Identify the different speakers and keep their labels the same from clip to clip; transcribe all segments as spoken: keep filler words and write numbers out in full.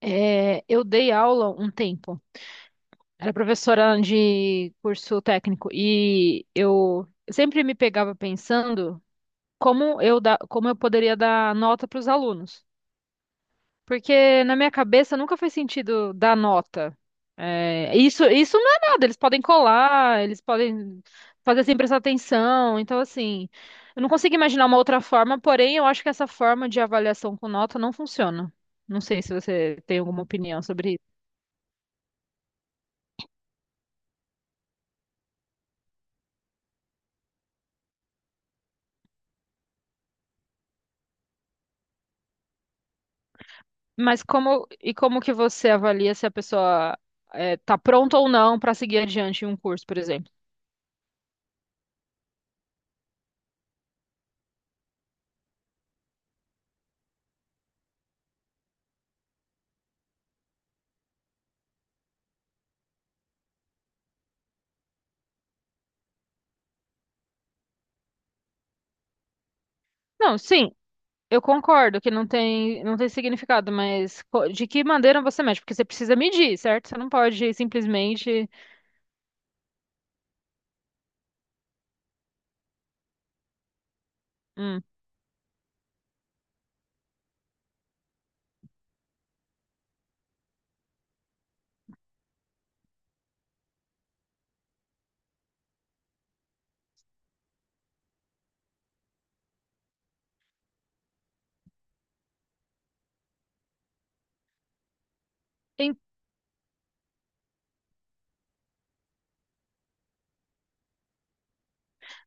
Speaker 1: É, eu dei aula um tempo. Era professora de curso técnico e eu sempre me pegava pensando como eu da, como eu poderia dar nota para os alunos, porque na minha cabeça nunca fez sentido dar nota. É, isso isso não é nada. Eles podem colar, eles podem fazer sem prestar atenção. Então assim, eu não consigo imaginar uma outra forma. Porém, eu acho que essa forma de avaliação com nota não funciona. Não sei se você tem alguma opinião sobre isso. Mas como e como que você avalia se a pessoa eh, tá pronta ou não para seguir adiante em um curso, por exemplo? Não, sim, eu concordo que não tem não tem significado, mas co- de que maneira você mede? Porque você precisa medir, certo? Você não pode simplesmente hum, em-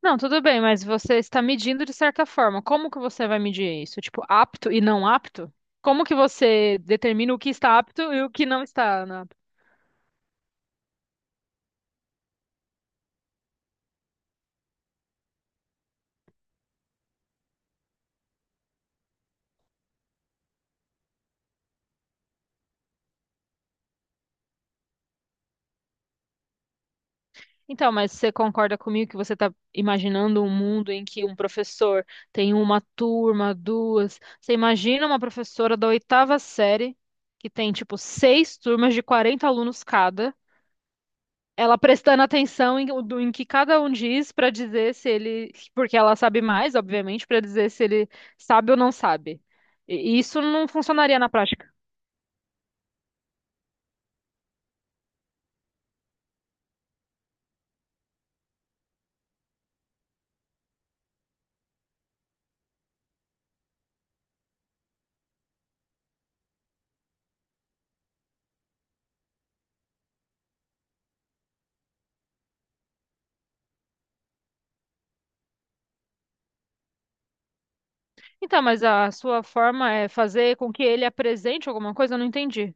Speaker 1: Não, tudo bem, mas você está medindo de certa forma. Como que você vai medir isso? Tipo, apto e não apto? Como que você determina o que está apto e o que não está, né? Então, mas você concorda comigo que você está imaginando um mundo em que um professor tem uma turma, duas? Você imagina uma professora da oitava série, que tem, tipo, seis turmas de quarenta alunos cada, ela prestando atenção em, do- em que cada um diz para dizer se ele. Porque ela sabe mais, obviamente, para dizer se ele sabe ou não sabe. E isso não funcionaria na prática. Então, mas a sua forma é fazer com que ele apresente alguma coisa? Eu não entendi.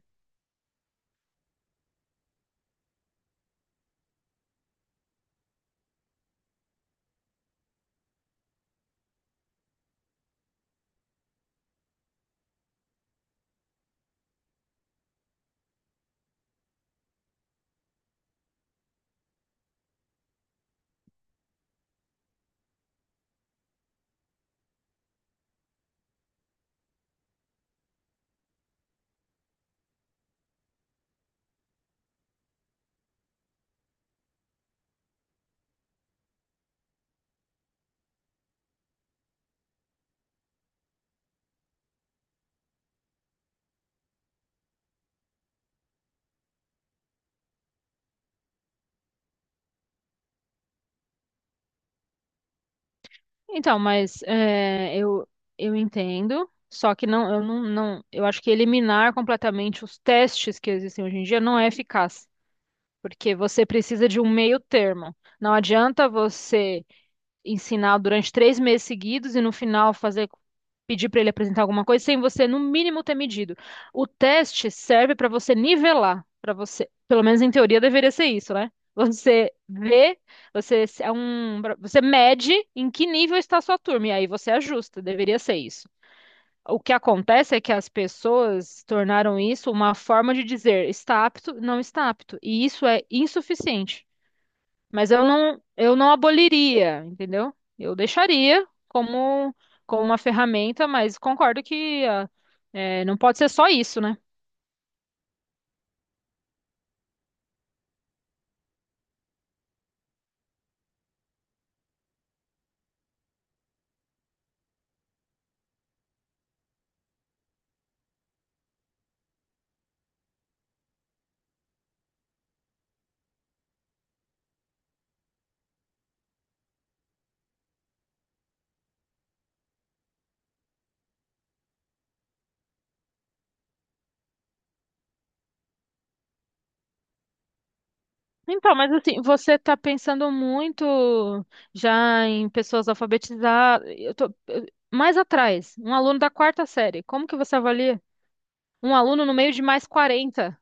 Speaker 1: Então, mas é, eu, eu entendo, só que não, eu não, não, eu acho que eliminar completamente os testes que existem hoje em dia não é eficaz, porque você precisa de um meio termo. Não adianta você ensinar durante três meses seguidos e no final fazer pedir para ele apresentar alguma coisa sem você no mínimo ter medido. O teste serve para você nivelar, para você, pelo menos em teoria deveria ser isso, né? Você vê, você se- é um, você mede em que nível está a sua turma e aí você ajusta, deveria ser isso. O que acontece é que as pessoas tornaram isso uma forma de dizer está apto, não está apto, e isso é insuficiente. Mas eu não, eu não aboliria, entendeu? Eu deixaria como, como uma ferramenta, mas concordo que ah, é, não pode ser só isso, né? Então, mas assim, você está pensando muito já em pessoas alfabetizadas. Eu tô, eu- mais atrás, um aluno da quarta série. Como que você avalia? Um aluno no meio de mais quarenta.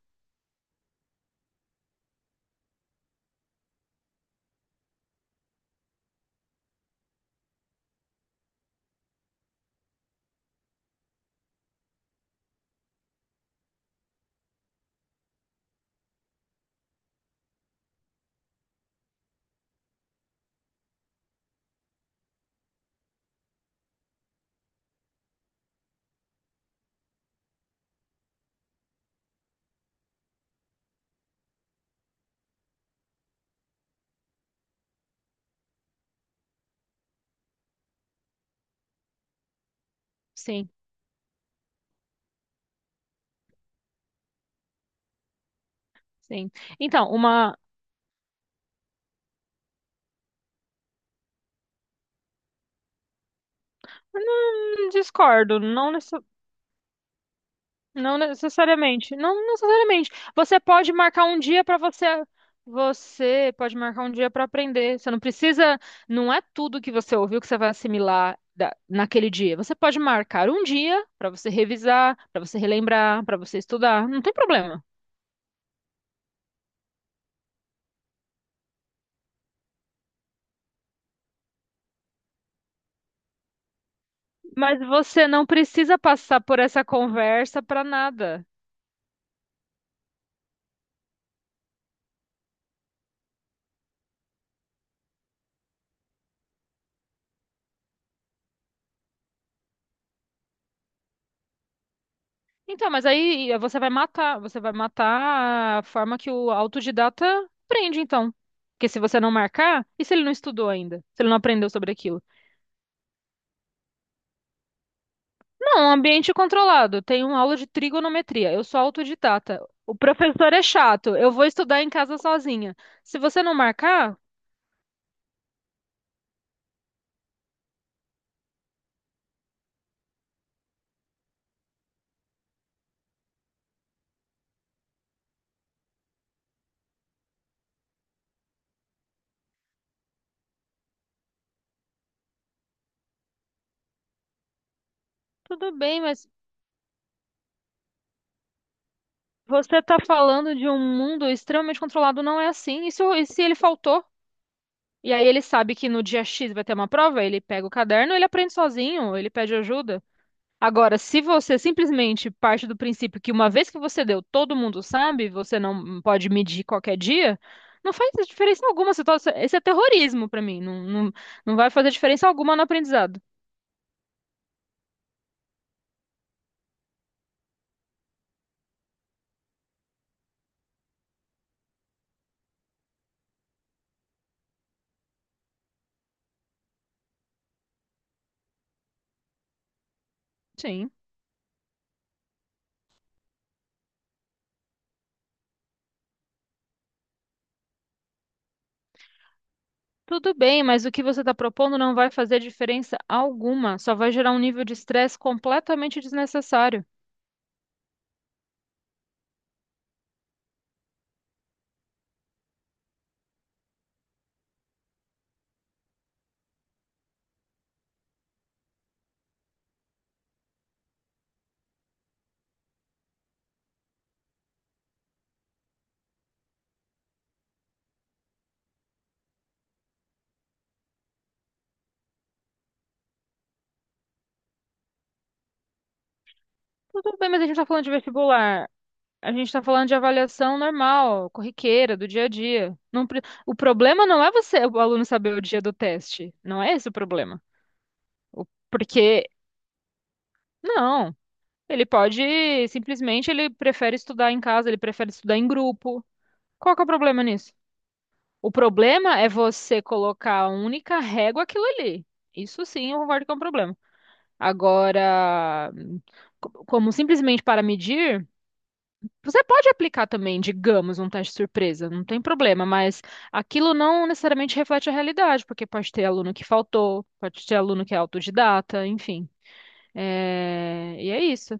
Speaker 1: Sim, sim. Então, uma. Não discordo, não. Não necessariamente. Não necessariamente. Você pode marcar um dia para você. Você pode marcar um dia para aprender. Você não precisa. Não é tudo que você ouviu que você vai assimilar da- naquele dia. Você pode marcar um dia para você revisar, para você relembrar, para você estudar. Não tem problema. Mas você não precisa passar por essa conversa para nada. Então, mas aí você vai matar, você vai matar a forma que o autodidata aprende, então. Porque se você não marcar, e se ele não estudou ainda? Se ele não aprendeu sobre aquilo? Não, um ambiente controlado. Tem uma aula de trigonometria. Eu sou autodidata. O professor é chato. Eu vou estudar em casa sozinha. Se você não marcar, tudo bem, mas você está falando de um mundo extremamente controlado, não é assim. E se, o- e se ele faltou? E aí ele sabe que no dia X vai ter uma prova, ele pega o caderno, ele aprende sozinho, ele pede ajuda. Agora, se você simplesmente parte do princípio que uma vez que você deu, todo mundo sabe, você não pode medir qualquer dia, não faz diferença alguma. Você tá- Esse é terrorismo pra mim. Não, não, não vai fazer diferença alguma no aprendizado. Sim, tudo bem, mas o que você está propondo não vai fazer diferença alguma. Só vai gerar um nível de estresse completamente desnecessário. Tudo bem, mas a gente está falando de vestibular. A gente está falando de avaliação normal, corriqueira, do dia a dia. Não pre- o problema não é você, o aluno saber o dia do teste. Não é esse o problema. O- Porque, não, ele pode, simplesmente, ele prefere estudar em casa, ele prefere estudar em grupo. Qual que é o problema nisso? O problema é você colocar a única régua aquilo ali. Isso sim, eu concordo que é um problema. Agora, co- como simplesmente para medir. Você pode aplicar também, digamos, um teste surpresa, não tem problema, mas aquilo não necessariamente reflete a realidade, porque pode ter aluno que faltou, pode ter aluno que é autodidata, enfim. É, e é isso.